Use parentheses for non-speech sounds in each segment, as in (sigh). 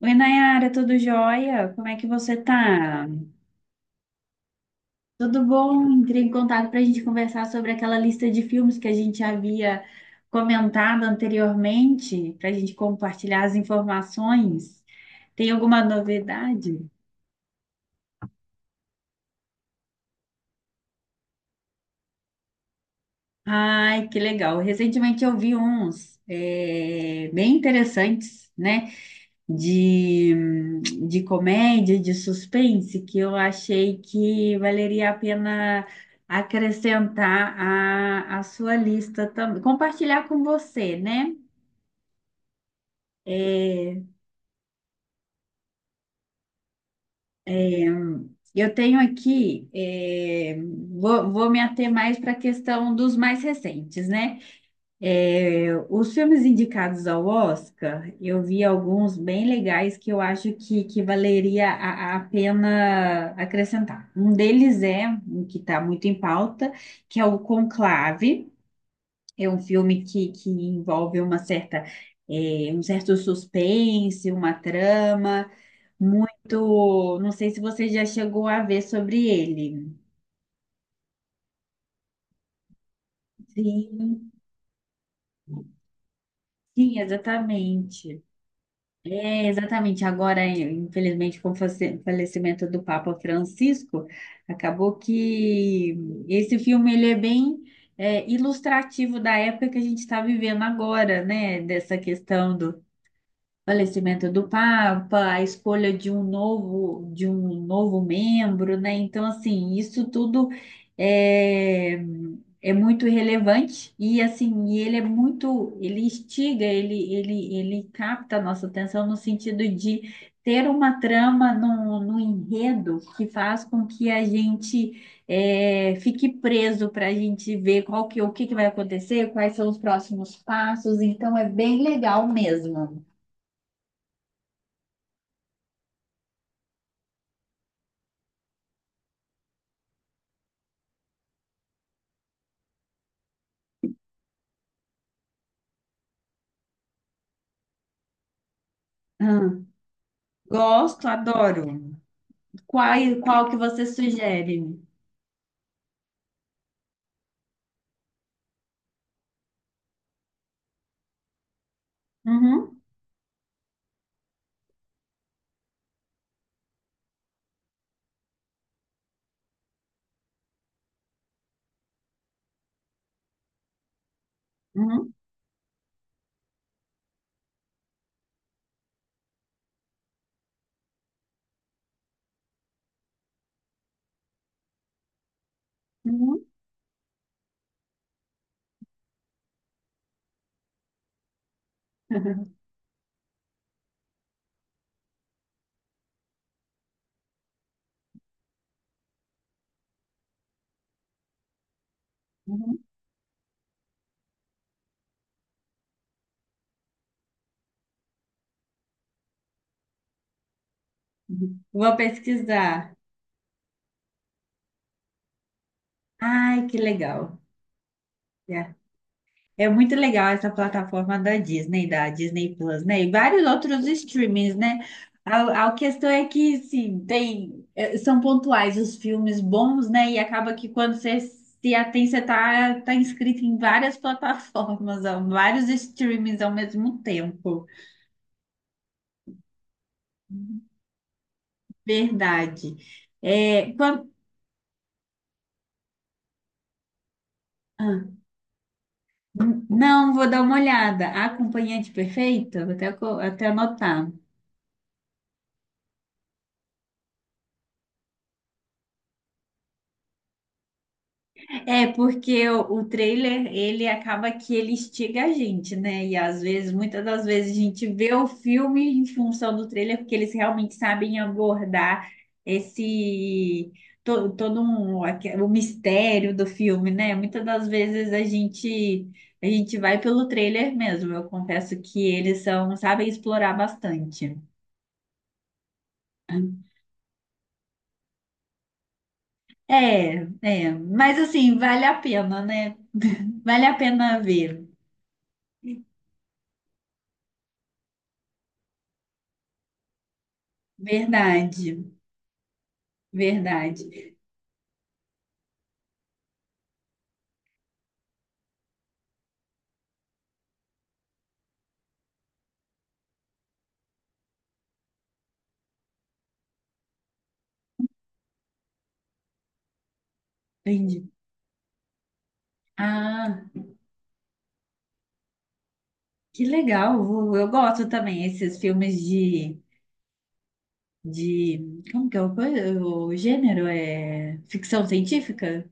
Oi, Nayara, tudo jóia? Como é que você tá? Tudo bom? Entrei em contato para a gente conversar sobre aquela lista de filmes que a gente havia comentado anteriormente, para a gente compartilhar as informações. Tem alguma novidade? Ai, que legal! Recentemente eu vi uns bem interessantes, né? de, de comédia, de suspense, que eu achei que valeria a pena acrescentar à sua lista também, compartilhar com você, né? É, é, eu tenho aqui, vou me ater mais para a questão dos mais recentes, né? Os filmes indicados ao Oscar, eu vi alguns bem legais que eu acho que valeria a pena acrescentar. Um deles é um que está muito em pauta, que é o Conclave. É um filme que envolve uma certa, um certo suspense, uma trama, muito. Não sei se você já chegou a ver sobre ele. Sim, sim, exatamente. É, exatamente. Agora, infelizmente, com o falecimento do Papa Francisco, acabou que esse filme ele é bem ilustrativo da época que a gente está vivendo agora, né? Dessa questão falecimento do Papa, a escolha de um novo membro, né? Então, assim, isso tudo é, é muito relevante e assim, e ele é muito, ele instiga, ele capta a nossa atenção no sentido de ter uma trama no enredo que faz com que a gente fique preso para a gente ver o que que vai acontecer, quais são os próximos passos. Então, é bem legal mesmo. Gosto, adoro. Qual que você sugere? Uhum, uhum, uhum, (laughs) uhum. Vou pesquisar. Ai, que legal. É é muito legal essa plataforma da Disney Plus, né? E vários outros streamings, né? A questão é que, sim, tem, são pontuais os filmes bons, né? E acaba que quando você se atém, você tá inscrito em várias (laughs) plataformas, ó, vários streamings ao mesmo tempo. Verdade. É, ah, não, vou dar uma olhada. A acompanhante perfeita, vou até, até anotar. É, porque o trailer, ele acaba que ele instiga a gente, né? E às vezes, muitas das vezes, a gente vê o filme em função do trailer, porque eles realmente sabem abordar esse todo um, o mistério do filme, né? Muitas das vezes a gente vai pelo trailer mesmo. Eu confesso que eles são, sabem explorar bastante. É, mas assim, vale a pena, né? (laughs) Vale a pena ver. Verdade. Verdade. Entendi. Ah, que legal. Eu gosto também esses filmes de como que é o gênero? É ficção científica?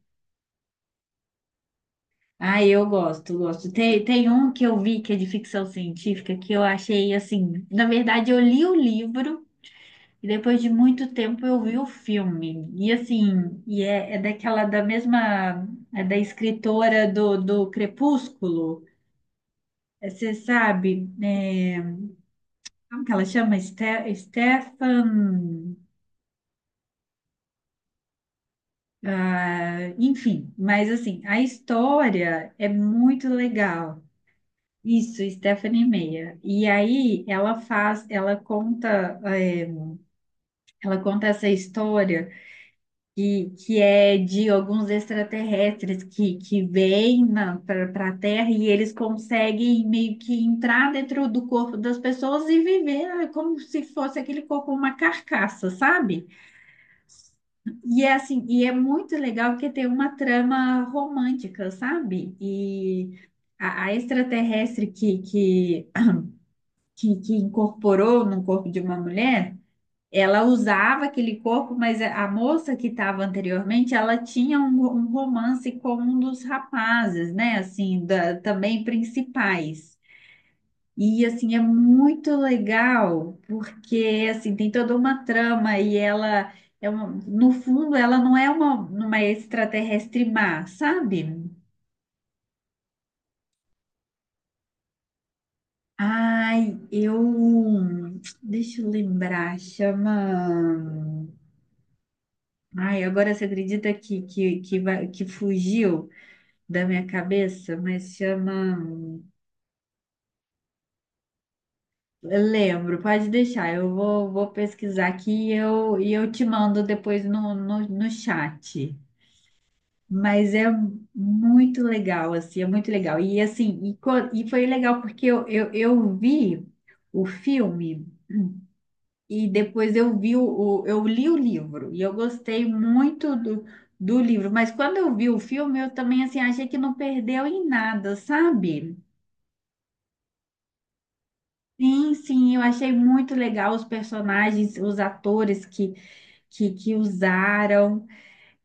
Ah, eu gosto, gosto. Tem um que eu vi que é de ficção científica que eu achei assim. Na verdade, eu li o livro e depois de muito tempo eu vi o filme. E assim, é daquela da mesma, é da escritora do Crepúsculo. É, Você sabe, né? Como que ela chama? Stefan. Ah, enfim, mas assim, a história é muito legal. Isso, Stephanie Meyer. E aí ela faz, ela conta, ela conta essa história que é de alguns extraterrestres que vêm para a Terra e eles conseguem meio que entrar dentro do corpo das pessoas e viver como se fosse aquele corpo uma carcaça, sabe? E é assim, e é muito legal porque tem uma trama romântica, sabe? E a extraterrestre que incorporou no corpo de uma mulher, ela usava aquele corpo, mas a moça que estava anteriormente, ela tinha um romance com um dos rapazes, né? Assim, também principais. E assim é muito legal porque assim tem toda uma trama e ela é uma, no fundo ela não é uma extraterrestre má, sabe? Ai, eu deixa eu lembrar, chama. Ai, agora você acredita que fugiu da minha cabeça, mas chama. Eu lembro, pode deixar, vou pesquisar aqui e eu te mando depois no chat. Mas é muito legal, assim, é muito legal. E assim, e foi legal porque eu vi o filme e depois eu vi eu li o livro e eu gostei muito do livro. Mas quando eu vi o filme, eu também assim achei que não perdeu em nada, sabe? Sim, sim, eu achei muito legal os personagens, os atores que usaram.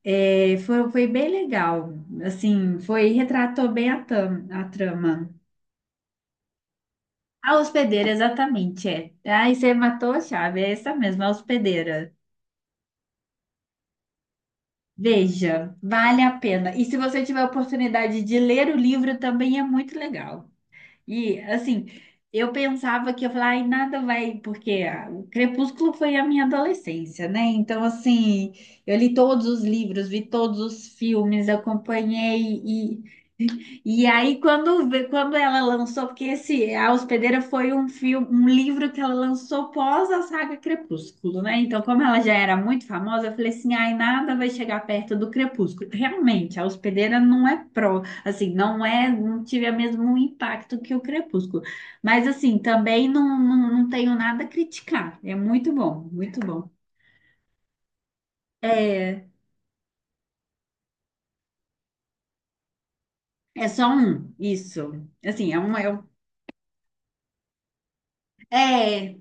Foi bem legal. Assim, foi retratou bem a a trama. A hospedeira, exatamente, é. Aí você matou a chave, é essa mesmo a hospedeira. Veja, vale a pena. E se você tiver a oportunidade de ler o livro, também é muito legal. E, assim, eu pensava que eu falava, ai, nada vai, porque ah, o Crepúsculo foi a minha adolescência, né? Então, assim, eu li todos os livros, vi todos os filmes, acompanhei. E aí, quando ela lançou, porque esse A Hospedeira foi um filme, um livro que ela lançou pós a saga Crepúsculo, né? Então, como ela já era muito famosa, eu falei assim: ai, nada vai chegar perto do Crepúsculo. Realmente, a Hospedeira não é assim, não é, não tive o mesmo um impacto que o Crepúsculo. Mas assim, também não tenho nada a criticar. É muito bom, muito bom. É, é só um, isso. Assim, é,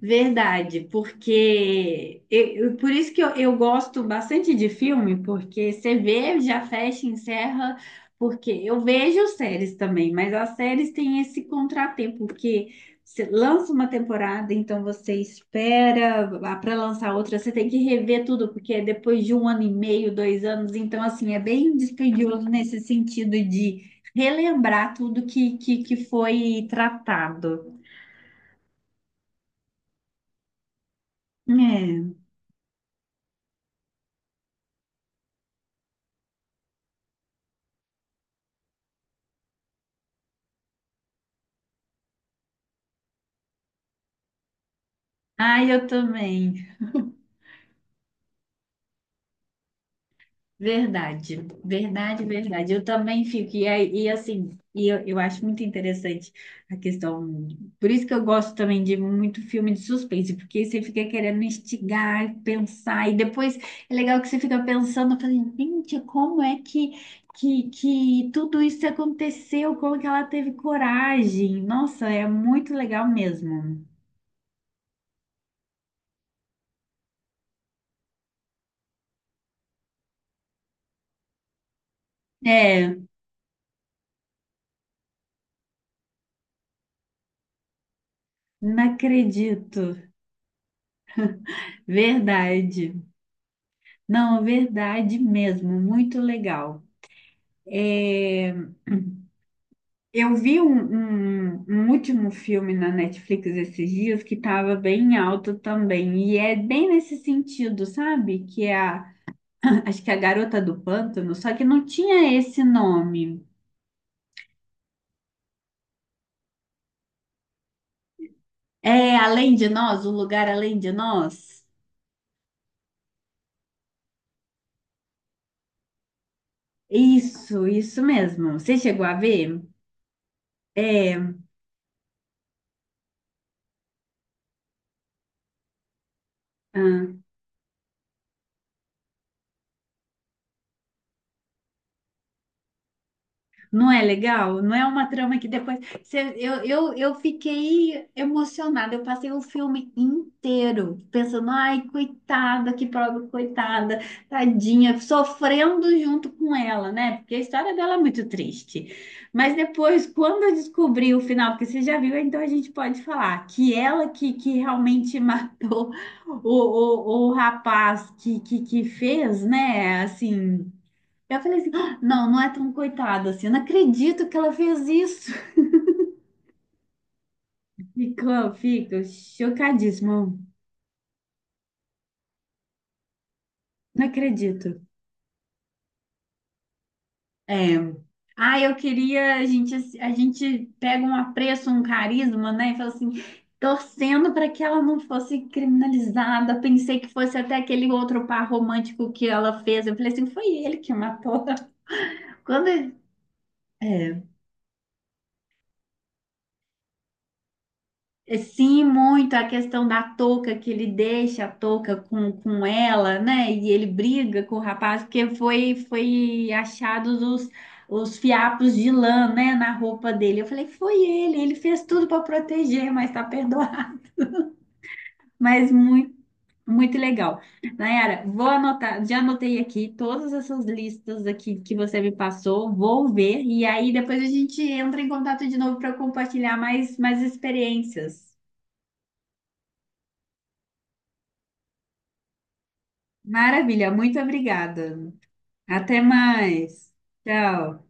Verdade, porque por isso que eu gosto bastante de filme, porque você vê, já fecha, encerra, porque eu vejo séries também, mas as séries têm esse contratempo, porque você lança uma temporada, então você espera para lançar outra, você tem que rever tudo, porque é depois de um ano e meio, dois anos, então assim, é bem dispendioso nesse sentido de relembrar tudo que foi tratado. É. Ah, eu também. Verdade, verdade, verdade. Eu também fico, e assim, eu acho muito interessante a questão. Por isso que eu gosto também de muito filme de suspense, porque você fica querendo instigar, pensar, e depois é legal que você fica pensando, falando, gente, como é que, que tudo isso aconteceu? Como que ela teve coragem? Nossa, é muito legal mesmo. É, não acredito. Verdade. Não, verdade mesmo, muito legal. É, eu vi um último filme na Netflix esses dias que estava bem alto também, e é bem nesse sentido, sabe? Que é a, (clears throat) acho que é a Garota do Pântano, só que não tinha esse nome. É Além de Nós, O Lugar Além de Nós? Isso mesmo. Você chegou a ver? É. Ah, não é legal? Não é uma trama que depois. Eu fiquei emocionada. Eu passei o filme inteiro pensando, ai, coitada, que pobre coitada, tadinha, sofrendo junto com ela, né? Porque a história dela é muito triste. Mas depois, quando eu descobri o final, porque você já viu, então a gente pode falar que ela que realmente (laughs) matou o rapaz que fez, né? Assim. Eu falei assim, "Ah, não, não é tão coitada assim, eu não acredito que ela fez isso. (laughs) Fica chocadíssimo, não acredito. É. Ah, eu queria, a gente pega um apreço, um carisma, né? E fala assim, torcendo para que ela não fosse criminalizada. Pensei que fosse até aquele outro par romântico que ela fez. Eu falei assim, foi ele que matou. (laughs) Quando, é. É, Sim, muito a questão da touca, que ele deixa a touca com ela, né? E ele briga com o rapaz, porque foi achados os fiapos de lã, né, na roupa dele. Eu falei, foi ele, ele fez tudo para proteger, mas tá perdoado. (laughs) Mas muito, muito legal. Nayara, vou anotar, já anotei aqui todas essas listas aqui que você me passou, vou ver, e aí depois a gente entra em contato de novo para compartilhar mais, mais experiências. Maravilha, muito obrigada. Até mais. Tchau.